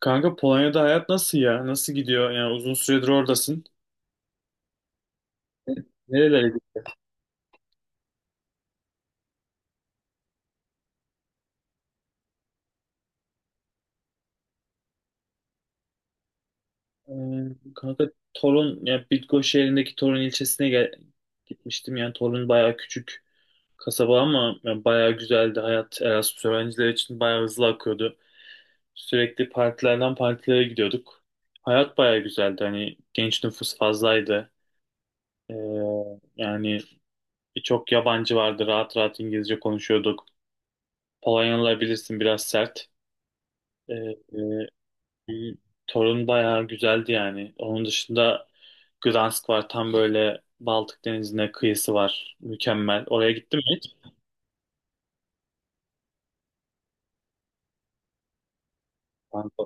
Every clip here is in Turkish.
Kanka Polonya'da hayat nasıl ya? Nasıl gidiyor? Yani uzun süredir oradasın. Nerelere gittin? Kanka, Torun, yani Bydgoszcz şehrindeki Torun ilçesine gitmiştim. Yani Torun bayağı küçük kasaba ama yani bayağı güzeldi. Hayat Erasmus öğrencileri için bayağı hızlı akıyordu. Sürekli partilerden partilere gidiyorduk. Hayat bayağı güzeldi. Hani genç nüfus fazlaydı. Ee, yani birçok yabancı vardı. Rahat rahat İngilizce konuşuyorduk. Polonyalılar bilirsin biraz sert. Ee, Hmm. Torun bayağı güzeldi yani. Onun dışında Gdansk var. Tam böyle Baltık Denizi'ne kıyısı var. Mükemmel. Oraya gittim mi hiç? Kanka,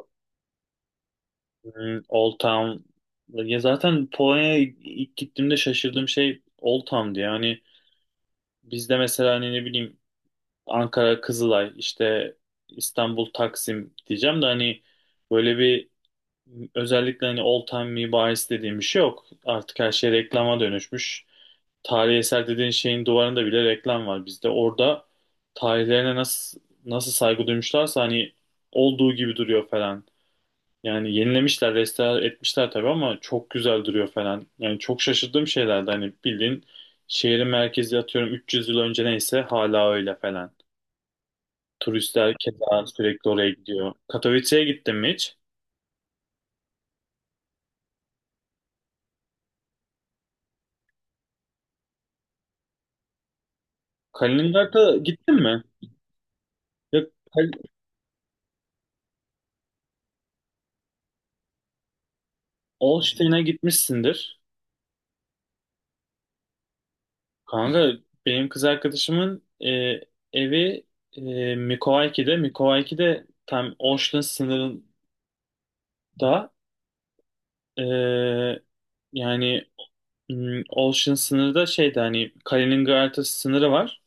Old Town. Ya zaten Polonya'ya ilk gittiğimde şaşırdığım şey Old Town'du. Yani bizde mesela hani ne bileyim Ankara Kızılay, işte İstanbul Taksim diyeceğim de hani böyle bir özellikle hani Old Town mimarisi dediğim bir şey yok. Artık her şey reklama dönüşmüş. Tarihi eser dediğin şeyin duvarında bile reklam var bizde. Orada tarihlerine nasıl saygı duymuşlarsa hani olduğu gibi duruyor falan. Yani yenilemişler, restore etmişler tabii ama çok güzel duruyor falan. Yani çok şaşırdığım şeylerdi hani bildiğin şehrin merkezi atıyorum 300 yıl önce neyse hala öyle falan. Turistler keza sürekli oraya gidiyor. Katowice'ye gittin mi hiç? Kaliningrad'a gittin mi? Ya, Kal- Olstein'e gitmişsindir. Kanka, benim kız arkadaşımın evi Mikowaiki'de. Mikowaiki'de tam Ocean sınırında e, yani Ocean sınırı da şeyde hani Kaliningrad'a sınırı var.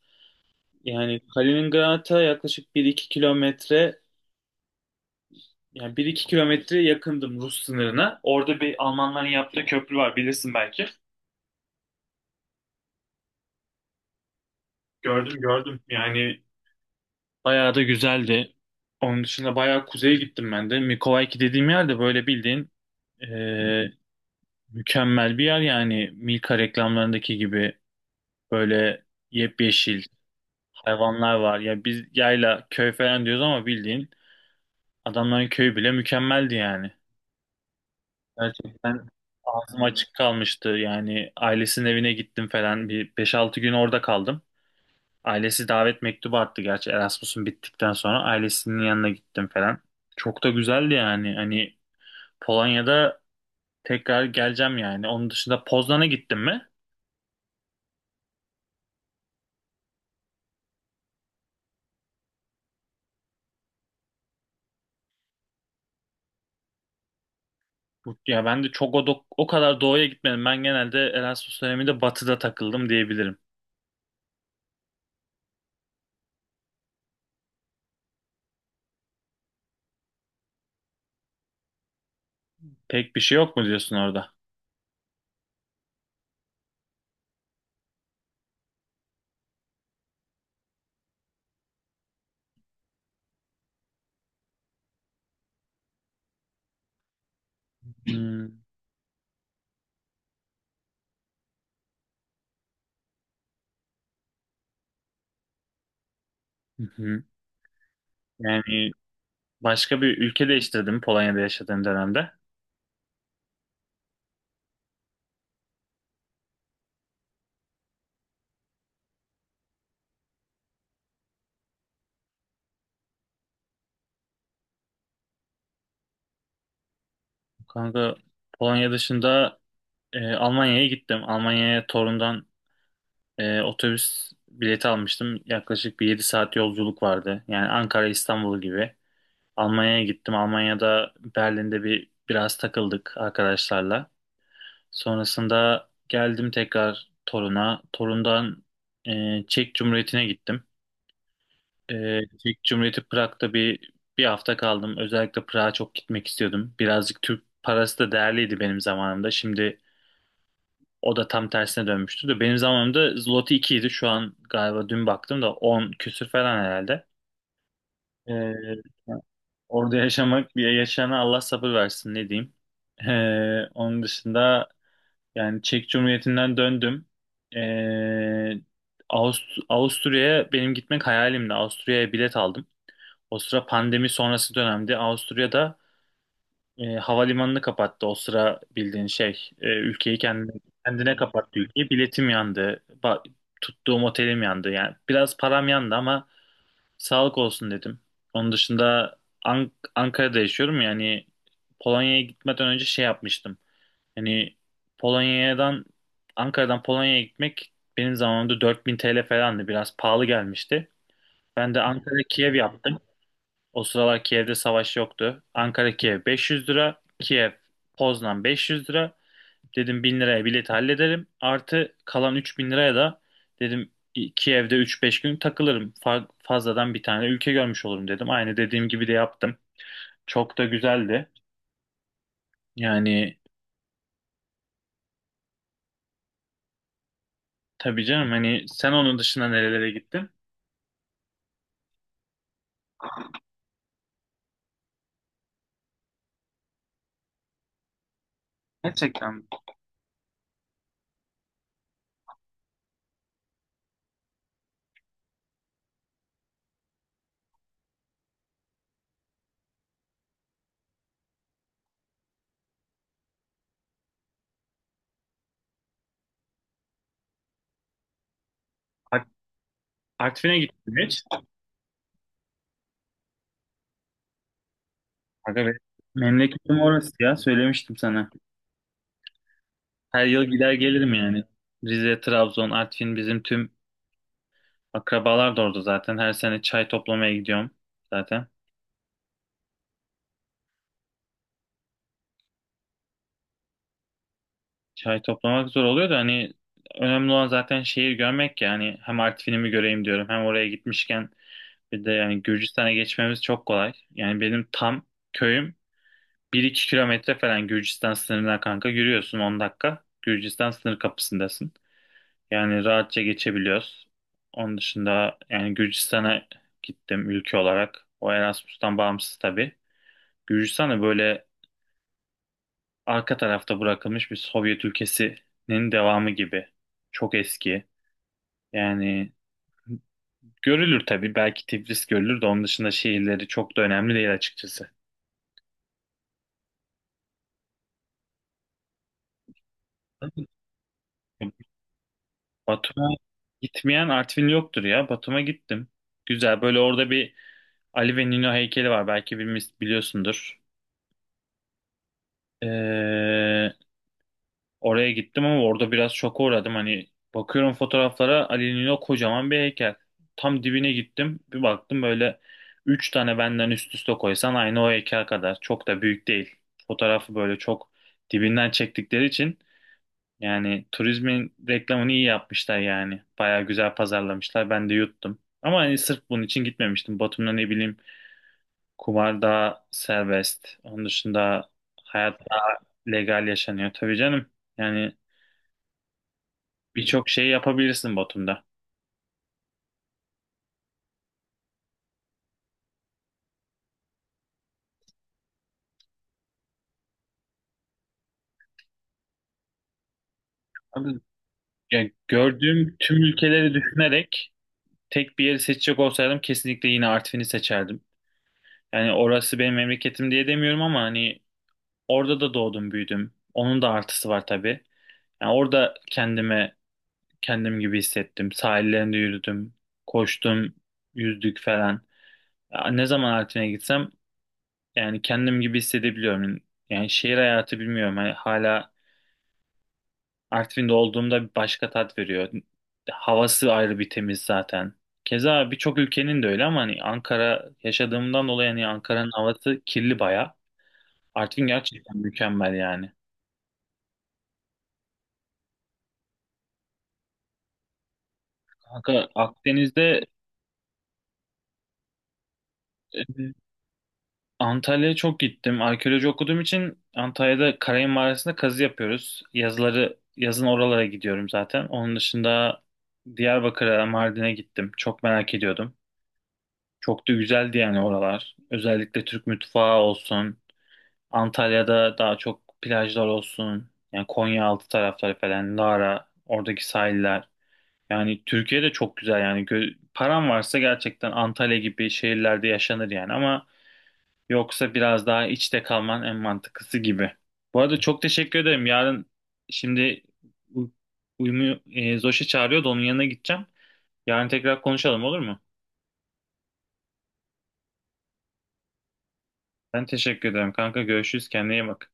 Yani Kaliningrad'a yaklaşık bir iki kilometre yakındım Rus sınırına. Orada bir Almanların yaptığı köprü var bilirsin belki. Gördüm, gördüm yani. Bayağı da güzeldi. Onun dışında bayağı kuzeye gittim ben de. Mikołajki dediğim yerde böyle bildiğin eee, mükemmel bir yer yani Milka reklamlarındaki gibi böyle yepyeşil hayvanlar var. Ya biz yayla köy falan diyoruz ama bildiğin adamların köyü bile mükemmeldi yani. Gerçekten ağzım açık kalmıştı yani ailesinin evine gittim falan bir beş altı gün orada kaldım. Ailesi davet mektubu attı gerçi Erasmus'un bittikten sonra ailesinin yanına gittim falan. Çok da güzeldi yani. Hani Polonya'da tekrar geleceğim yani. Onun dışında Poznan'a gittim mi? Ya ben de çok o kadar doğuya gitmedim. Ben genelde Erasmus döneminde batıda takıldım diyebilirim. Pek bir şey yok mu diyorsun orada? Hmm. Hı hı. Yani başka bir ülke değiştirdim Polonya'da yaşadığım dönemde. Kanka, Polonya dışında Almanya'ya gittim. Almanya'ya torundan otobüs bileti almıştım. Yaklaşık bir 7 saat yolculuk vardı. Yani Ankara İstanbul gibi. Almanya'ya gittim. Almanya'da Berlin'de biraz takıldık arkadaşlarla. Sonrasında geldim tekrar Torun'a. Torun'dan Çek Cumhuriyeti'ne gittim. Çek Cumhuriyeti Prag'da bir hafta kaldım. Özellikle Prag'a çok gitmek istiyordum. Birazcık Türk parası da değerliydi benim zamanımda. Şimdi o da tam tersine dönmüştü de benim zamanımda Zloty 2 idi. Şu an galiba dün baktım da 10 küsür falan herhalde. Ee, Orada yaşamak bir yaşayana Allah sabır versin ne diyeyim. Onun dışında yani Çek Cumhuriyeti'nden döndüm. Ee, Avust Avusturya'ya benim gitmek hayalimdi. Avusturya'ya bilet aldım. O sıra pandemi sonrası dönemdi. Avusturya'da havalimanını kapattı o sıra bildiğin şey. Ülkeyi kendine kapattı ülkeyi. Biletim yandı. Tuttuğum otelim yandı. Yani biraz param yandı ama sağlık olsun dedim. Onun dışında Ankara'da yaşıyorum yani Polonya'ya gitmeden önce şey yapmıştım. Yani Polonya'dan Ankara'dan Polonya'ya gitmek benim zamanımda 4.000 TL falandı. Biraz pahalı gelmişti. Ben de Ankara Kiev yaptım. O sıralar Kiev'de savaş yoktu. Ankara Kiev 500 lira. Kiev Poznan 500 lira. Dedim 1000 liraya bilet hallederim. Artı kalan 3000 liraya da dedim Kiev'de 3-5 gün takılırım. Fazladan bir tane ülke görmüş olurum dedim. Aynı dediğim gibi de yaptım. Çok da güzeldi. Yani tabii canım hani sen onun dışında nerelere gittin? Gerçekten. Ar- Artvin'e gittim hiç. Aga be. Memleketim orası ya söylemiştim sana. Her yıl gider gelirim yani. Rize, Trabzon, Artvin bizim tüm akrabalar da orada zaten. Her sene çay toplamaya gidiyorum zaten. Çay toplamak zor oluyor da hani önemli olan zaten şehir görmek ya. Hani hem Artvin'imi göreyim diyorum hem oraya gitmişken bir de yani Gürcistan'a geçmemiz çok kolay. Yani benim tam köyüm bir iki kilometre falan Gürcistan sınırına kanka yürüyorsun 10 dakika. Gürcistan sınır kapısındasın. Yani rahatça geçebiliyoruz. Onun dışında yani Gürcistan'a gittim ülke olarak. O Erasmus'tan bağımsız tabii. Gürcistan da böyle arka tarafta bırakılmış bir Sovyet ülkesinin devamı gibi. Çok eski. Yani görülür tabii. Belki Tiflis görülür de onun dışında şehirleri çok da önemli değil açıkçası. Batum'a gitmeyen Artvin yoktur ya. Batum'a gittim. Güzel. Böyle orada bir Ali ve Nino heykeli var. Belki biliyorsundur. Ee, Oraya gittim ama orada biraz şoka uğradım. Hani bakıyorum fotoğraflara Ali'nin o kocaman bir heykel. Tam dibine gittim. Bir baktım böyle üç tane benden üst üste koysan aynı o heykel kadar. Çok da büyük değil. Fotoğrafı böyle çok dibinden çektikleri için yani turizmin reklamını iyi yapmışlar yani. Baya güzel pazarlamışlar. Ben de yuttum. Ama hani sırf bunun için gitmemiştim. Batum'da ne bileyim kumar daha serbest. Onun dışında hayat daha legal yaşanıyor. Tabii canım. Yani birçok şey yapabilirsin Batum'da. Abi, yani gördüğüm tüm ülkeleri düşünerek tek bir yeri seçecek olsaydım kesinlikle yine Artvin'i seçerdim. Yani orası benim memleketim diye demiyorum ama hani orada da doğdum büyüdüm. Onun da artısı var tabii. Yani orada kendim gibi hissettim. Sahillerinde yürüdüm, koştum, yüzdük falan. Ya ne zaman Artvin'e gitsem yani kendim gibi hissedebiliyorum. Yani şehir hayatı bilmiyorum. Hani hala Artvin'de olduğumda bir başka tat veriyor. Havası ayrı bir temiz zaten. Keza birçok ülkenin de öyle ama hani Ankara yaşadığımdan dolayı hani Ankara'nın havası kirli baya. Artvin gerçekten mükemmel yani. Kanka Akdeniz'de e, Antalya'ya çok gittim. Arkeoloji okuduğum için Antalya'da Karayın Mağarası'nda kazı yapıyoruz. Yazın oralara gidiyorum zaten. Onun dışında Diyarbakır'a, Mardin'e gittim. Çok merak ediyordum. Çok da güzeldi yani oralar. Özellikle Türk mutfağı olsun. Antalya'da daha çok plajlar olsun. Yani Konyaaltı tarafları falan, Lara, oradaki sahiller. Yani Türkiye'de çok güzel yani. Paran varsa gerçekten Antalya gibi şehirlerde yaşanır yani ama yoksa biraz daha içte kalman en mantıklısı gibi. Bu arada çok teşekkür ederim. Yarın, şimdi u- uyumu Zoş'a çağırıyor da onun yanına gideceğim. Yarın tekrar konuşalım olur mu? Ben teşekkür ederim kanka. Görüşürüz. Kendine iyi bak.